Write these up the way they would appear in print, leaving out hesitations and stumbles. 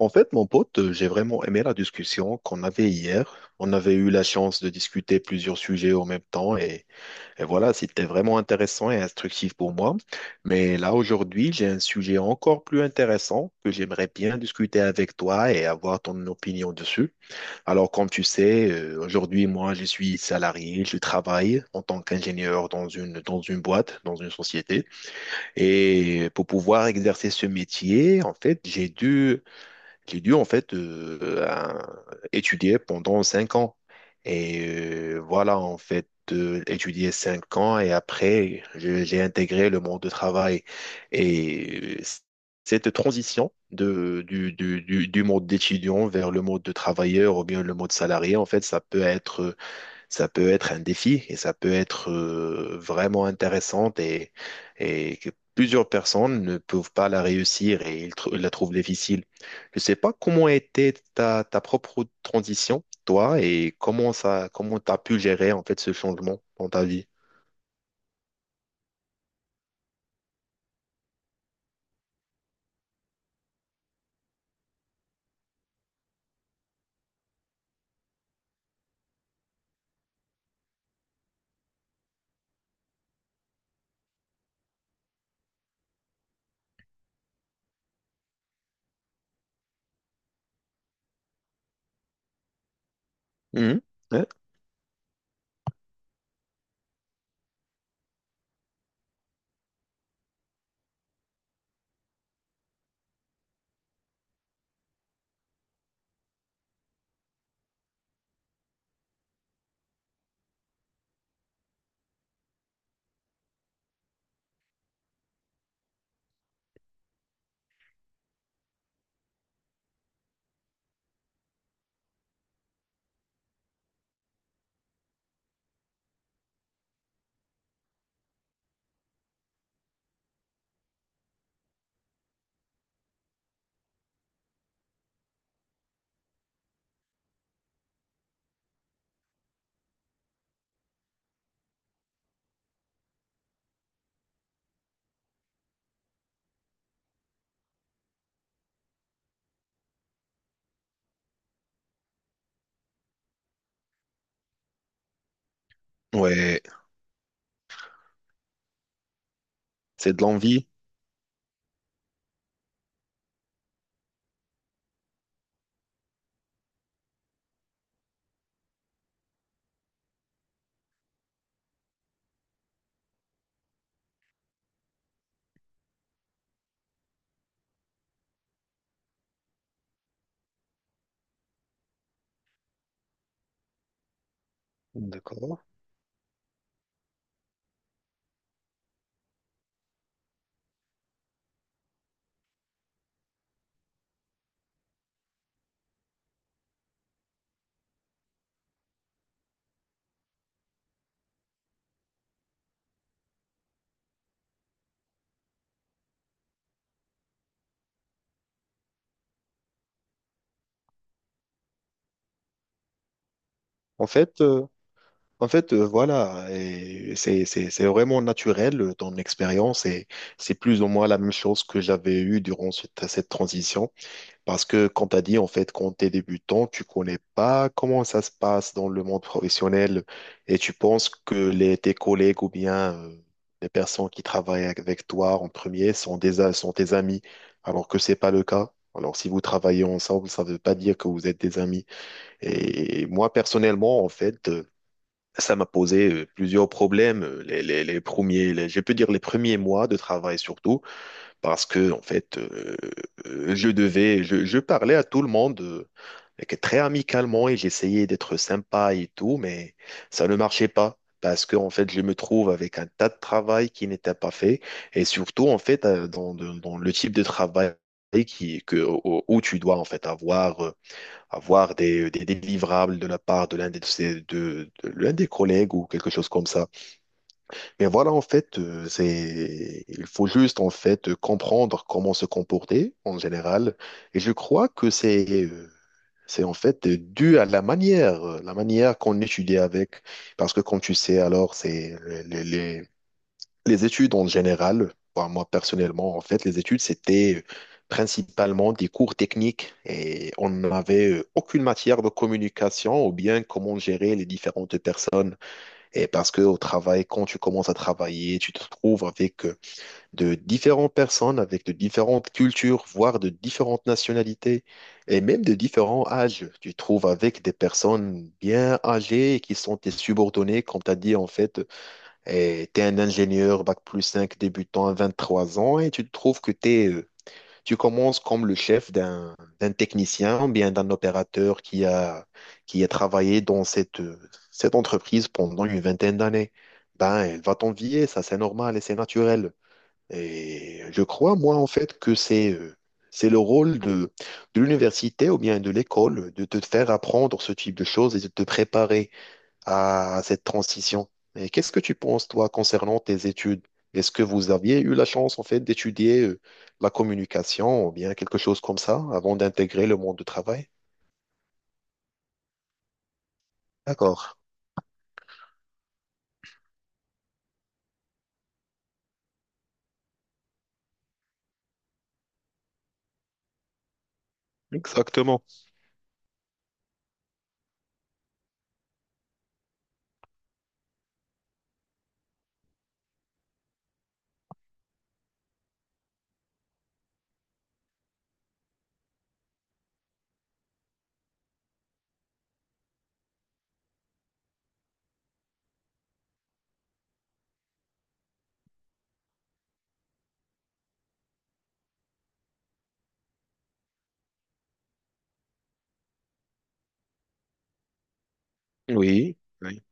En fait, mon pote, j'ai vraiment aimé la discussion qu'on avait hier. On avait eu la chance de discuter plusieurs sujets en même temps et voilà, c'était vraiment intéressant et instructif pour moi. Mais là, aujourd'hui, j'ai un sujet encore plus intéressant que j'aimerais bien discuter avec toi et avoir ton opinion dessus. Alors, comme tu sais, aujourd'hui, moi, je suis salarié, je travaille en tant qu'ingénieur dans une boîte, dans une société. Et pour pouvoir exercer ce métier, en fait, j'ai dû en fait étudier pendant 5 ans. Et voilà, en fait, étudier 5 ans et après, j'ai intégré le monde de travail. Et cette transition de, du monde d'étudiant vers le monde de travailleur ou bien le monde salarié, en fait, ça peut être un défi et ça peut être vraiment intéressante et que plusieurs personnes ne peuvent pas la réussir et ils, la trouvent difficile. Je ne sais pas comment était ta propre transition, toi, et comment tu as pu gérer en fait ce changement dans ta vie. Mhm. Ouais, ouais. C'est de l'envie. D'accord. En fait, En fait, voilà, et c'est vraiment naturel ton expérience et c'est plus ou moins la même chose que j'avais eue durant cette transition. Parce que, quand tu as dit, en fait, quand tu es débutant, tu connais pas comment ça se passe dans le monde professionnel et tu penses que tes collègues ou bien les personnes qui travaillent avec toi en premier sont tes amis, alors que c'est pas le cas. Alors, si vous travaillez ensemble, ça veut pas dire que vous êtes des amis. Et moi, personnellement, en fait, ça m'a posé plusieurs problèmes, je peux dire les premiers mois de travail surtout, parce que en fait, je parlais à tout le monde très amicalement et j'essayais d'être sympa et tout, mais ça ne marchait pas. Parce que en fait, je me trouve avec un tas de travail qui n'était pas fait, et surtout en fait, dans le type de travail où tu dois en fait avoir des délivrables de la part de l'un des collègues ou quelque chose comme ça. Mais voilà, en fait, il faut juste, en fait, comprendre comment se comporter en général. Et je crois que c'est en fait dû à la manière qu'on étudie avec. Parce que, comme tu sais, alors, les, les- les études en général, enfin, moi personnellement, en fait, les études, c'était principalement des cours techniques et on n'avait aucune matière de communication ou bien comment gérer les différentes personnes. Et parce que au travail, quand tu commences à travailler, tu te trouves avec de différentes personnes, avec de différentes cultures, voire de différentes nationalités et même de différents âges. Tu te trouves avec des personnes bien âgées et qui sont tes subordonnés, comme tu as dit, en fait et tu es un ingénieur bac plus 5 débutant à 23 ans et tu te trouves tu commences comme le chef d'un technicien ou bien d'un opérateur qui a travaillé dans cette entreprise pendant une vingtaine d'années. Ben, elle va t'envier, ça c'est normal et c'est naturel. Et je crois, moi, en fait, que c'est le rôle de l'université ou bien de l'école de te faire apprendre ce type de choses et de te préparer à cette transition. Et qu'est-ce que tu penses, toi, concernant tes études? Est-ce que vous aviez eu la chance, en fait, d'étudier la communication ou bien quelque chose comme ça avant d'intégrer le monde du travail? D'accord. Exactement. Oui. Oui.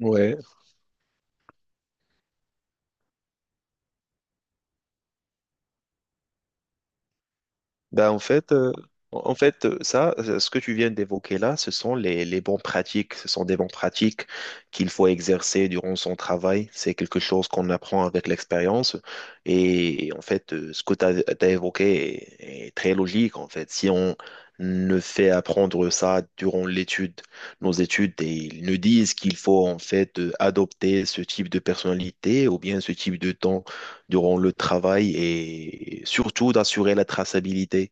Ouais. Ben, en fait, ce que tu viens d'évoquer là, ce sont les bonnes pratiques. Ce sont des bonnes pratiques qu'il faut exercer durant son travail. C'est quelque chose qu'on apprend avec l'expérience. Et en fait, ce que tu as évoqué est très logique. En fait, si on ne fait apprendre ça durant nos études, et ils nous disent qu'il faut en fait adopter ce type de personnalité ou bien ce type de temps durant le travail et surtout d'assurer la traçabilité.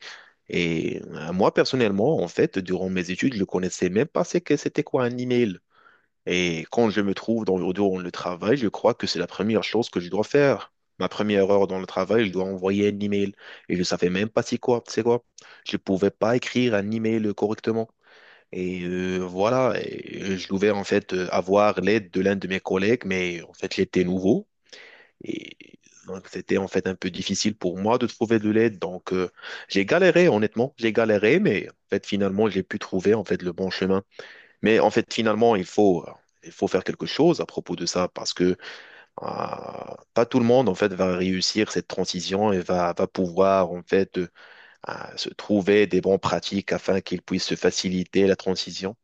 Et moi, personnellement, en fait, durant mes études, je ne connaissais même pas c'est que c'était quoi un email. Et quand je me trouve durant le travail, je crois que c'est la première chose que je dois faire. Ma première heure dans le travail, je dois envoyer un email. Et je ne savais même pas c'est quoi, c'est quoi. Je ne pouvais pas écrire un email correctement. Et voilà, et je devais en fait avoir l'aide de l'un de mes collègues, mais en fait, j'étais nouveau. Et donc, c'était en fait un peu difficile pour moi de trouver de l'aide. Donc, j'ai galéré, honnêtement, j'ai galéré, mais en fait, finalement, j'ai pu trouver en fait le bon chemin. Mais en fait, finalement, il faut faire quelque chose à propos de ça parce que euh, pas tout le monde en fait va réussir cette transition et va pouvoir en fait se trouver des bonnes pratiques afin qu'ils puissent se faciliter la transition.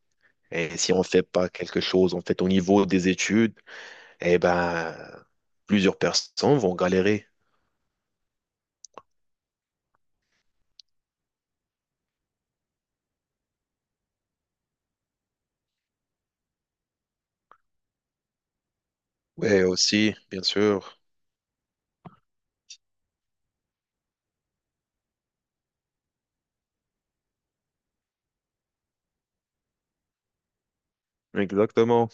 Et si on ne fait pas quelque chose en fait au niveau des études, eh ben plusieurs personnes vont galérer. Ouais, aussi, bien sûr. Exactement.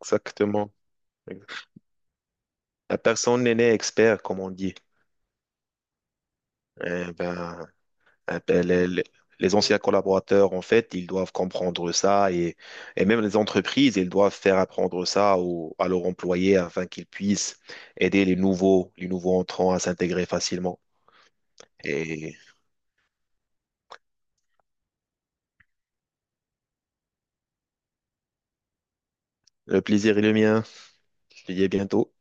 Exactement. La personne n'est expert, comme on dit. Eh ben, eh ben, les anciens collaborateurs, en fait, ils doivent comprendre ça et même les entreprises, ils doivent faire apprendre ça à leurs employés afin qu'ils puissent aider les nouveaux entrants à s'intégrer facilement. Et le plaisir est le mien. Je te dis à bientôt.